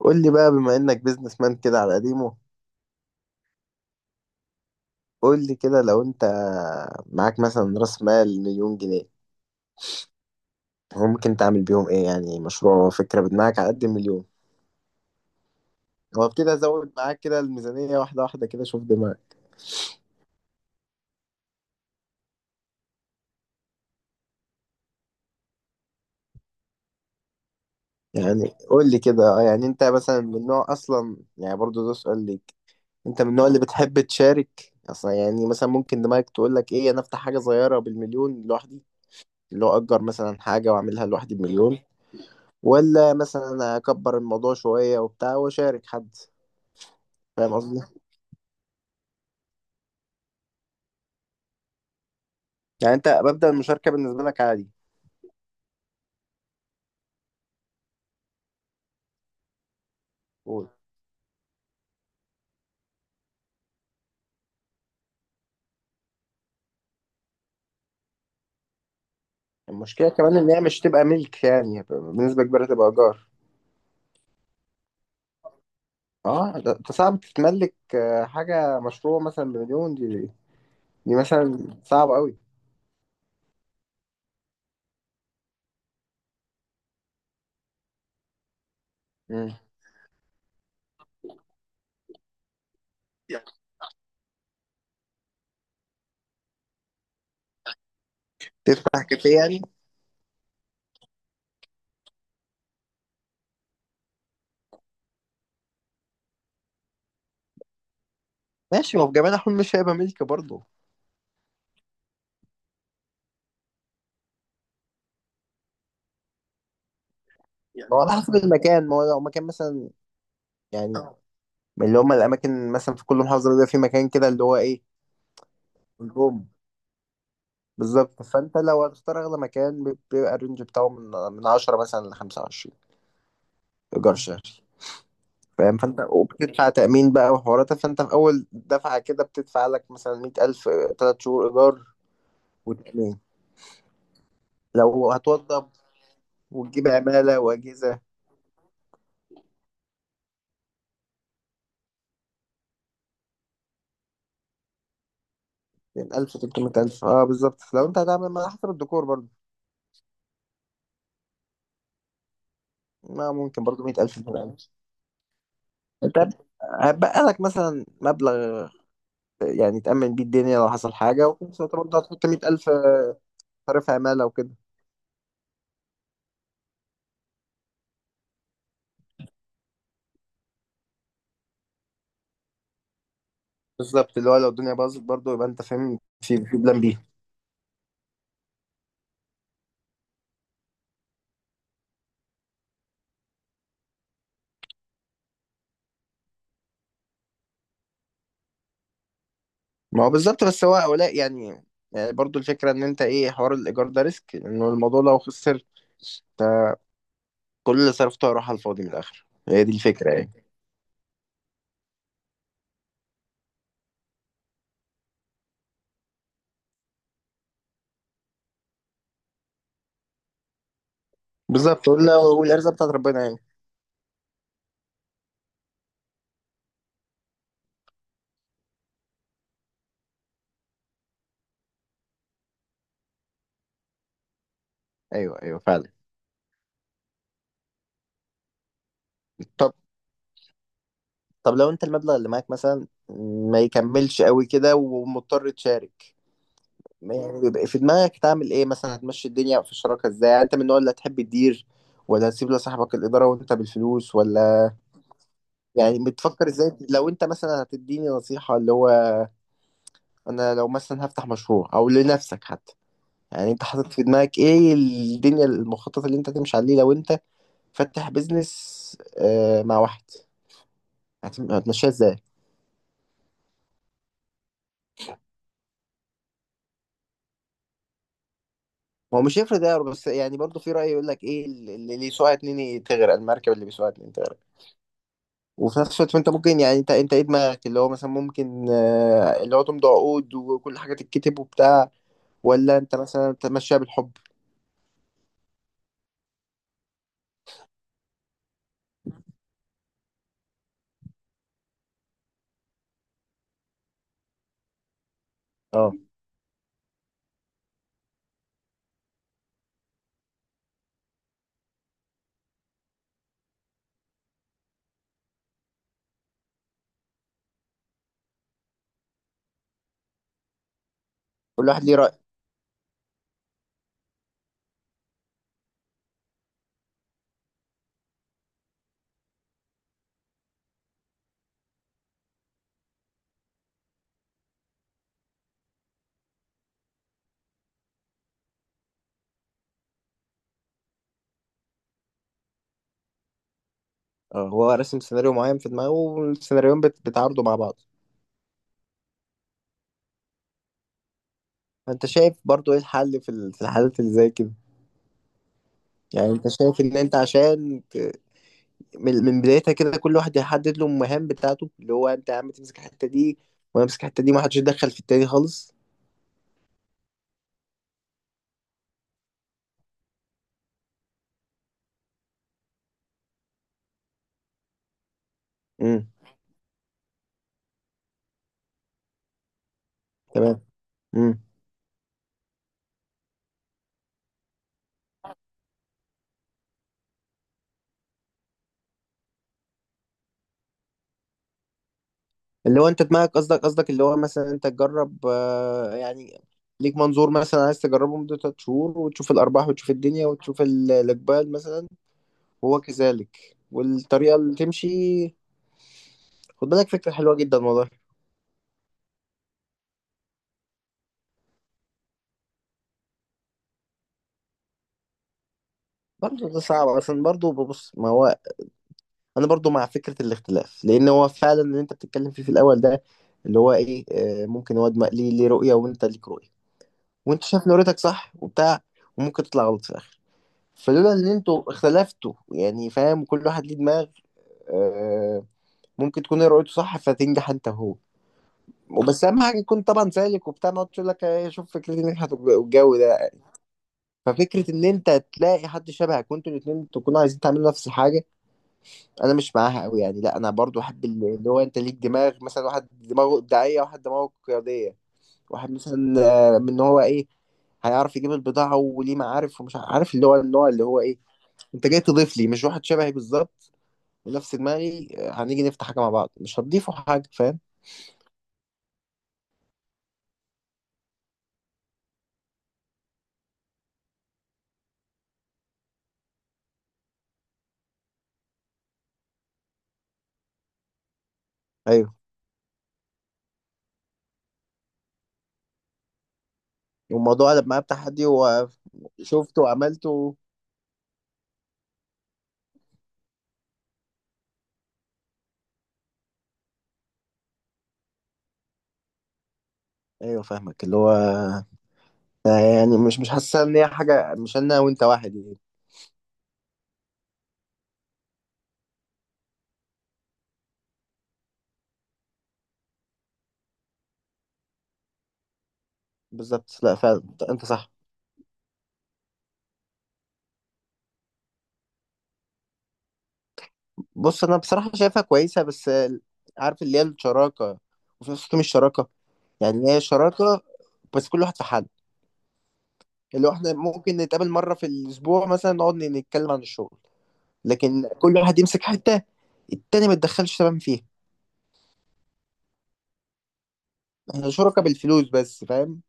قول لي بقى بما انك بيزنس مان كده على قديمه. قول لي كده، لو انت معاك مثلا راس مال مليون جنيه، هو ممكن تعمل بيهم ايه؟ يعني مشروع وفكرة بدماغك على قد المليون. هو ابتدي ازود معاك كده الميزانية واحدة واحدة كده، شوف دماغك. يعني قول لي كده، يعني انت مثلا من نوع، اصلا يعني برضو ده سؤال ليك. انت من النوع اللي بتحب تشارك اصلا، يعني مثلا ممكن دماغك تقول لك ايه، انا افتح حاجة صغيرة بالمليون لوحدي، اللي هو اجر مثلا حاجة واعملها لوحدي بمليون، ولا مثلا اكبر الموضوع شويه وبتاع واشارك حد، فاهم قصدي؟ يعني انت مبدأ المشاركه بالنسبه لك عادي. قول. المشكله كمان ان هي مش تبقى ملك، يعني بنسبه كبيره تبقى ايجار. اه، ده انت صعب تتملك حاجه مشروع مثلا بمليون دي. دي مثلا صعب قوي. مم. تفتح كافيه يعني. ماشي، ما هو في جميع الأحوال مش هيبقى ملك برضه. ما هو على حسب المكان، ما هو لو مكان مثلا يعني من اللي هم الأماكن مثلا في كل محافظة، بيبقى في مكان كده اللي هو إيه؟ بالظبط، فانت لو هتختار اغلى مكان بيبقى الرينج بتاعه من 10 مثلا ل 25 ايجار شهري. فاهم؟ فانت وبتدفع تامين بقى وحوارات، فانت في اول دفعه كده بتدفع لك مثلا 100000، 3 شهور ايجار وتامين. لو هتوضب وتجيب عماله واجهزه يعني 1000 300000. اه بالظبط، لو انت هتعمل ما حسب الديكور برضه، ما ممكن برضه 100000، 200000. انت هتبقى لك مثلا مبلغ يعني تامن بيه الدنيا لو حصل حاجه، وفي نفس الوقت برضه هتحط 100000 صرف عماله وكده. بالظبط، اللي هو لو الدنيا باظت برضه يبقى انت فاهم في بلان بي. ما هو بالظبط، بس هو هؤلاء يعني، يعني برضه الفكره ان انت ايه، حوار الايجار ده ريسك انه الموضوع لو خسر انت كل اللي صرفته هيروح على الفاضي من الاخر. هي دي الفكره يعني. بالظبط والارزاق بتاعت ربنا يعني. ايوه ايوه، فعلا. طب. طب لو انت المبلغ اللي معاك مثلا ما يكملش قوي كده ومضطر تشارك، ما يعني بيبقى في دماغك تعمل ايه مثلا؟ هتمشي الدنيا في الشراكه ازاي؟ يعني انت من النوع اللي هتحب تدير، ولا هتسيب لصاحبك الاداره وانت بالفلوس؟ ولا يعني بتفكر ازاي؟ لو انت مثلا هتديني نصيحة اللي هو انا لو مثلا هفتح مشروع، او لنفسك حتى، يعني انت حاطط في دماغك ايه الدنيا، المخطط اللي انت تمشي عليه لو انت فاتح بيزنس مع واحد، هتمشيها ازاي؟ هو مش هيفرق ده، بس يعني برضه في رأي يقول لك ايه، اللي يسوقها اتنين تغرق، المركب اللي بيسوقها اتنين تغرق. وفي نفس الوقت انت ممكن يعني انت ايه دماغك، اللي هو مثلا ممكن اللي هو تمضي عقود وكل حاجة تتكتب وبتاع، ولا انت مثلا تمشيها بالحب؟ اه، كل واحد ليه رأي. اه، هو راسم سيناريو معين في دماغه، والسيناريوهات بتعارضوا مع بعض. فانت شايف برضو ايه الحل في الحالات اللي زي كده؟ يعني انت شايف ان انت عشان من بدايتها كده كل واحد يحدد له المهام بتاعته، اللي هو انت يا عم تمسك الحته دي وانا امسك الحته دي، ما حدش يتدخل في التاني خالص. امم. تمام. امم. اللي هو انت دماغك، قصدك اللي هو مثلا انت تجرب يعني ليك منظور مثلا، عايز تجربه مدة 3 شهور وتشوف الأرباح وتشوف الدنيا وتشوف الإقبال مثلا. وهو كذلك، والطريقة اللي تمشي. خد بالك، فكرة حلوة جدا والله. برضه ده صعب، عشان برضه ببص ما هو أنا برضه مع فكرة الاختلاف، لأن هو فعلا اللي أنت بتتكلم فيه في الأول ده، اللي هو إيه ممكن واد ليه رؤية، وأنت ليك رؤية، وأنت شايف إن رؤيتك صح وبتاع، وممكن تطلع غلط في الآخر. فلولا إن أنتوا اختلفتوا، يعني فاهم، كل واحد ليه دماغ. آه، ممكن تكون هي رؤيته صح فتنجح أنت وهو. وبس أهم حاجة يكون طبعا سالك وبتاع، ما تقول لك شوف، فكرتي نجحت والجو ده. ففكرة إن أنت تلاقي حد شبهك وأنتوا الاتنين تكونوا عايزين تعملوا نفس الحاجة، أنا مش معاها أوي يعني. لأ، أنا برضو أحب اللي هو أنت ليك دماغ، مثلا واحد دماغه إبداعية، واحد دماغه قيادية، واحد مثلا من إن هو إيه هيعرف يجيب البضاعة وليه معارف ومش عارف، اللي هو النوع اللي هو إيه. أنت جاي تضيف لي، مش واحد شبهي بالظبط ونفس دماغي هنيجي نفتح حاجة مع بعض مش هتضيفوا حاجة. فاهم؟ أيوه. والموضوع قلب معايا بتحدي وشفته وعملته. أيوه فاهمك، اللي هو يعني مش حاسسها ان هي حاجه، مش انا وانت واحد يعني. بالظبط، لا فعلا انت صح. بص انا بصراحه شايفها كويسه، بس عارف اللي هي الشراكه، وفي نفس الوقت مش شراكه. يعني هي شراكه، بس كل واحد في حد. اللي هو احنا ممكن نتقابل مره في الاسبوع مثلا نقعد نتكلم عن الشغل، لكن كل واحد يمسك حته، التاني ما يتدخلش تمام فيها. احنا شركاء بالفلوس بس، فاهم؟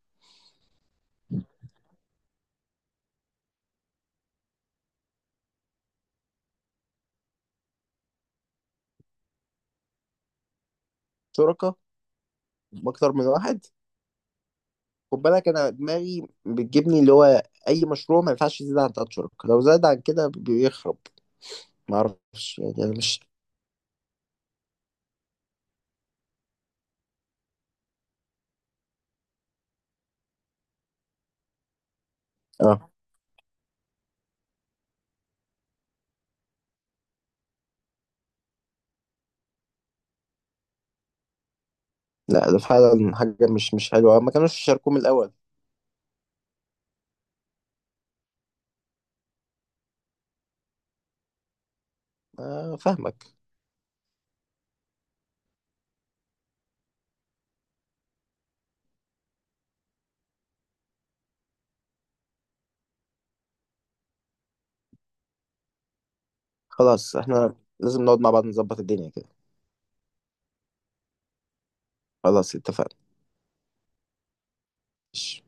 شركاء باكتر من واحد. خد بالك، انا دماغي بتجيبني اللي هو اي مشروع ما ينفعش يزيد عن 3 شهور، لو زاد عن كده بيخرب. ما اعرفش يعني، انا مش. اه، لا ده فعلا حاجه مش حلوه، ما كانوش يشاركوه من الاول. آه فاهمك. خلاص احنا لازم نقعد مع بعض نظبط الدنيا كده. خلاص اتفقنا. ماشي.